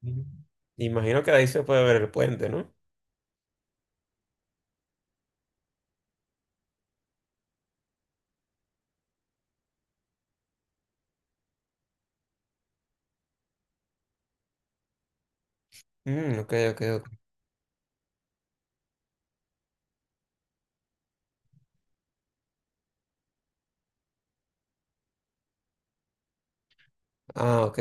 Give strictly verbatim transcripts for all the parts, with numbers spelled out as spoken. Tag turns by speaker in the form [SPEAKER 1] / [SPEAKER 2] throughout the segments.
[SPEAKER 1] Mm. Imagino que de ahí se puede ver el puente, ¿no? Mm, ok, ok, ok. Ah, ok.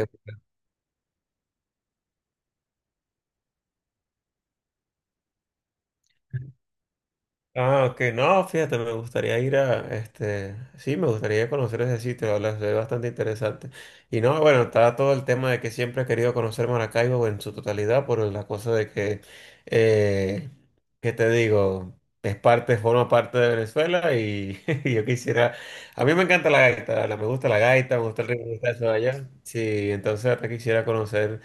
[SPEAKER 1] Ah, ok. No, fíjate, me gustaría ir a, este, sí, me gustaría conocer ese sitio, la verdad, se ve bastante interesante. Y no, bueno, está todo el tema de que siempre he querido conocer Maracaibo en su totalidad por la cosa de que, eh, ¿qué te digo? Es parte, forma parte de Venezuela y, y yo quisiera, a mí me encanta la gaita, la- me gusta la gaita, me gusta el ritmo de allá. Sí, entonces hasta quisiera conocer.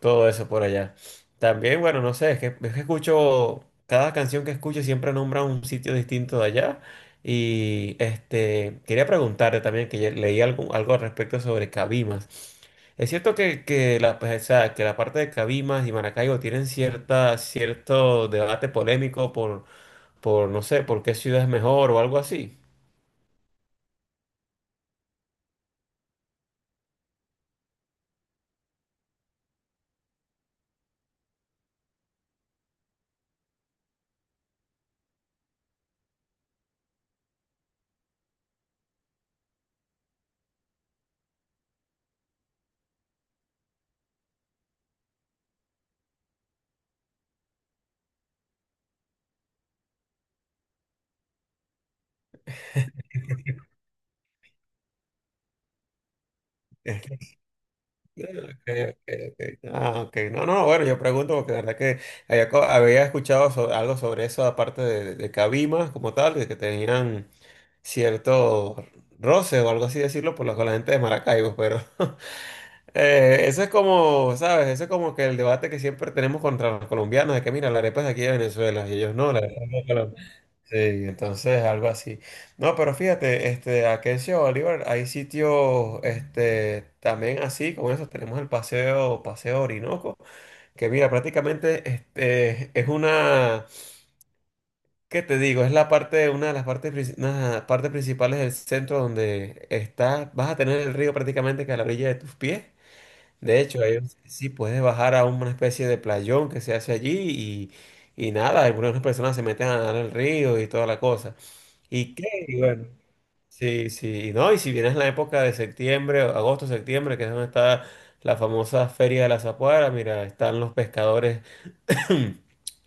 [SPEAKER 1] Todo eso por allá. También, bueno, no sé, es que, es que escucho, cada canción que escucho siempre nombra un sitio distinto de allá. Y este, quería preguntarte también, que ya leí algo, algo al respecto sobre Cabimas. ¿Es cierto que, que, la, pues, o sea, que la parte de Cabimas y Maracaibo tienen cierta, cierto debate polémico por, por, no sé, por qué ciudad es mejor o algo así? Okay, okay, okay. Ah, ok. No, no, bueno, yo pregunto porque la verdad que había, co- había escuchado so- algo sobre eso, aparte de, de Cabimas como tal, de que tenían cierto roce o algo así decirlo por la, con la gente de Maracaibo, pero eh, eso es como, ¿sabes? Eso es como que el debate que siempre tenemos contra los colombianos, de que mira, la arepa es de aquí de Venezuela, y ellos no, la arepa es de Colombia. Sí, entonces algo así. No, pero fíjate, este, aquí en Ciudad Bolívar hay sitios, este, también así, como eso tenemos el paseo, paseo Orinoco, que mira, prácticamente, este, es una, ¿qué te digo? Es la parte, una de las partes, princi- una de las partes principales del centro donde estás, vas a tener el río prácticamente que a la orilla de tus pies. De hecho, ahí sí puedes bajar a una especie de playón que se hace allí y, y nada, algunas personas se meten a nadar al río y toda la cosa. ¿Y qué? Y bueno, sí, sí, no, y si vienes la época de septiembre, agosto, septiembre, que es donde está la famosa Feria de la Zapuara, mira, están los pescadores,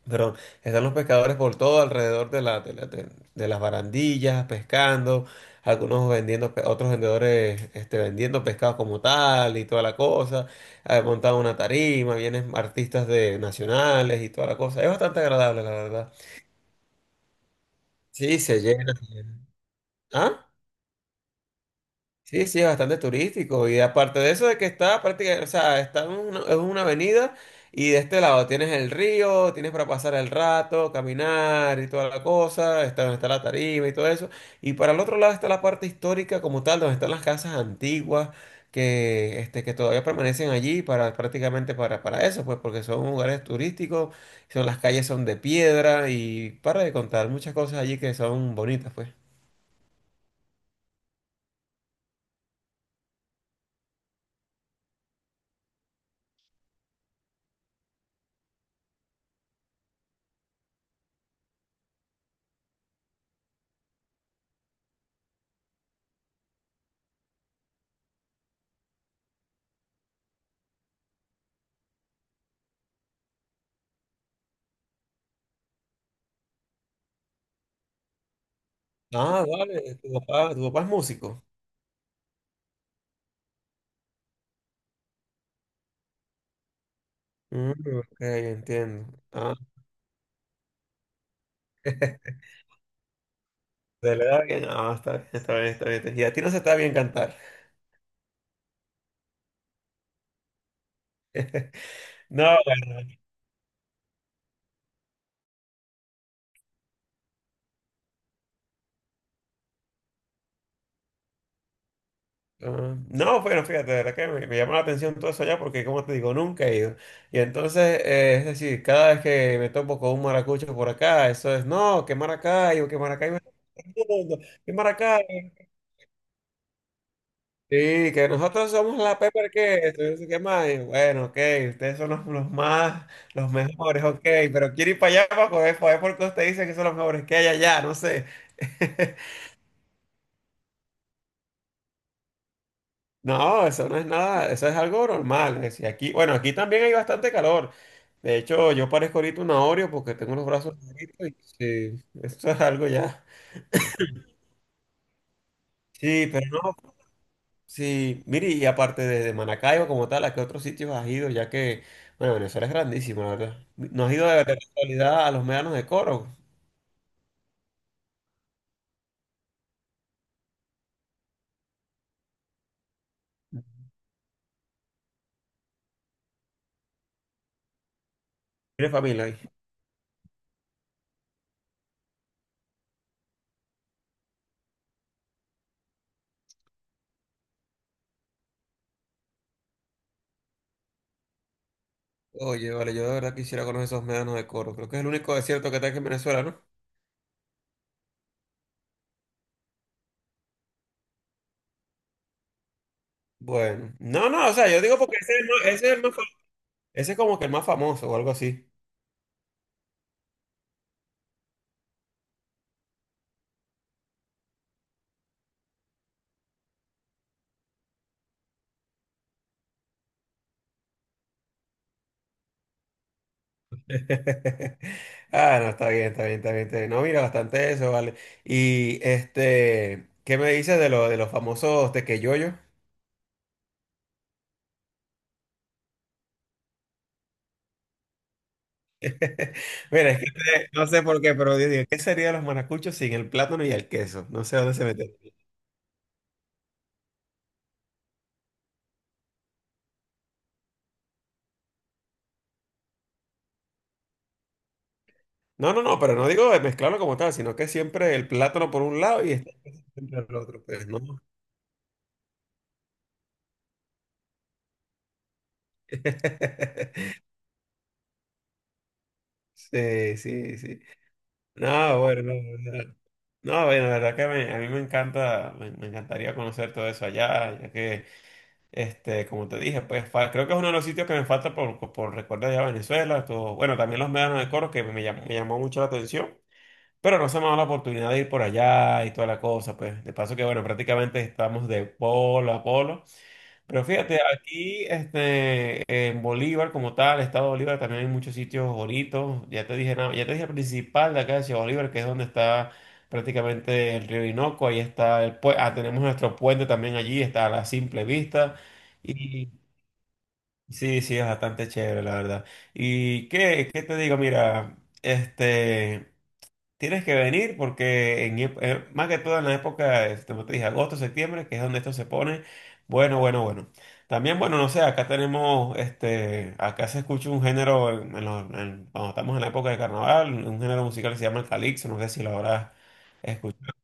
[SPEAKER 1] perdón, están los pescadores por todo alrededor de la, de la- de- de las barandillas, pescando, algunos vendiendo, pe- otros vendedores este, vendiendo pescado como tal y toda la cosa, eh, montan una tarima, vienen artistas de nacionales y toda la cosa, es bastante agradable, la verdad. Sí, se llena. ¿Ah? Sí, sí, es bastante turístico y aparte de eso de que está prácticamente, o sea, está en una, es una avenida y de este lado tienes el río, tienes para pasar el rato, caminar y toda la cosa, está donde está la tarima y todo eso, y para el otro lado está la parte histórica como tal, donde están las casas antiguas que, este, que todavía permanecen allí para prácticamente para, para eso, pues porque son lugares turísticos, son, las calles son de piedra y para de contar muchas cosas allí que son bonitas, pues. Ah, vale, tu papá, tu papá es músico. Mm, ok, entiendo. Ah, de la edad que no, está bien, está bien, está bien. Y a ti no se está bien cantar. No, bueno, ah, no, bueno, fíjate, de verdad que me, me llamó la atención todo eso allá porque, como te digo, nunca he ido. Y entonces, eh, es decir, cada vez que me topo con un maracucho por acá, eso es, no, que Maracaibo, que Maracaibo es el mundo, que Maracaibo. Sí, que nosotros somos la Pepper que, entonces, ¿qué más? Y bueno, ok, ustedes son los, los más, los mejores, ok, pero quiero ir para allá para poder, para ver por qué ustedes dicen que son los mejores que hay allá, no sé. No, eso no es nada, eso es algo normal. Es decir, aquí, bueno, aquí también hay bastante calor. De hecho, yo parezco ahorita un Oreo porque tengo los brazos negritos y sí, eso es algo ya. Sí, pero no. Sí, mire, y aparte de, de Maracaibo como tal, ¿a qué otros sitios has ido? Ya que, bueno, Venezuela es grandísimo, la verdad. ¿No has ido de, de casualidad a los médanos de Coro? ¿Tienes familia ahí? Oye, vale, yo de verdad quisiera conocer esos médanos de Coro. Creo que es el único desierto que está aquí en Venezuela, ¿no? Bueno, no, no, o sea, yo digo porque ese es, el más- ese es el más fa- ese es como que el más famoso o algo así. Ah, no, está bien, está bien, está bien, está bien. No, mira, bastante eso, vale. Y este, ¿qué me dices de, lo, de los famosos tequeyoyos? Mira, es que te- no sé por qué, pero yo digo, ¿qué sería los maracuchos sin el plátano y el queso? No sé dónde se meten. No, no, no, pero no digo de mezclarlo como tal, sino que siempre el plátano por un lado y está el queso siempre al otro, pues no. Sí, sí, sí. No, bueno, no, no, no, bueno, la verdad que me- a mí me encanta, me, me encantaría conocer todo eso allá, ya que, este, como te dije, pues fa- creo que es uno de los sitios que me falta por, por recordar allá Venezuela, todo, bueno, también los médanos de Coro, que me llamó, me llamó mucho la atención. Pero no se me ha dado la oportunidad de ir por allá y toda la cosa, pues. De paso que, bueno, prácticamente estamos de polo a polo. Pero fíjate, aquí este, en Bolívar, como tal, Estado Bolívar, también hay muchos sitios bonitos. Ya te dije, nada- ya te dije el principal de acá de Ciudad Bolívar, que es donde está prácticamente el río Orinoco. Ahí está el puente. Ah, tenemos nuestro puente también allí, está a la simple vista. Y sí, sí, es bastante chévere, la verdad. ¿Y qué, qué te digo? Mira, este. Tienes que venir porque en, ep- eh, más que todo en la época, este, como te dije, agosto, septiembre, que es donde esto se pone bueno, bueno, bueno. También, bueno, no sé, acá tenemos, este, acá se escucha un género, en- en los- en- cuando estamos en la época de carnaval, un género musical que se llama el calipso, no sé si lo habrás escuchado.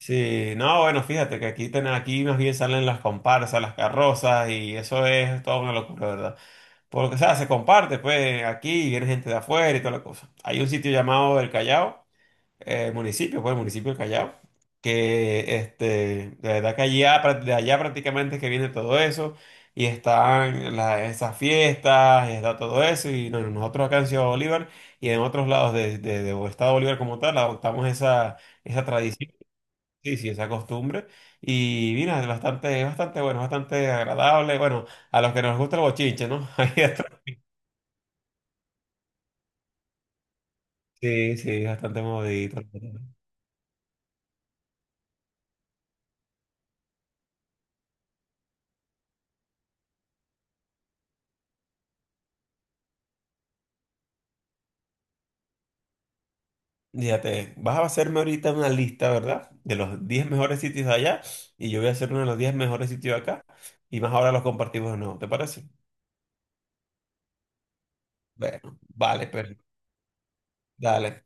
[SPEAKER 1] Sí, no, bueno, fíjate que aquí, ten- aquí más bien salen las comparsas, las carrozas y eso es toda una locura, ¿verdad? Porque, o sea, se comparte, pues, aquí viene gente de afuera y toda la cosa. Hay un sitio llamado El Callao eh, municipio, pues el municipio del Callao, que este, de verdad que allá, pra- de allá prácticamente es que viene todo eso, y están la- esas fiestas, y está todo eso, y no- nosotros acá en Ciudad Bolívar y en otros lados de, de, de Estado Bolívar como tal, adoptamos esa, esa tradición, sí, sí, esa costumbre, y mira, es bastante, es bastante bueno, bastante agradable, bueno, a los que nos gusta el bochinche, ¿no? Ahí está. Sí, sí, bastante movidito. Fíjate, vas a hacerme ahorita una lista, ¿verdad? De los diez mejores sitios de allá y yo voy a hacer uno de los diez mejores sitios de acá y más ahora los compartimos de nuevo, ¿te parece? Bueno, vale, pero dale.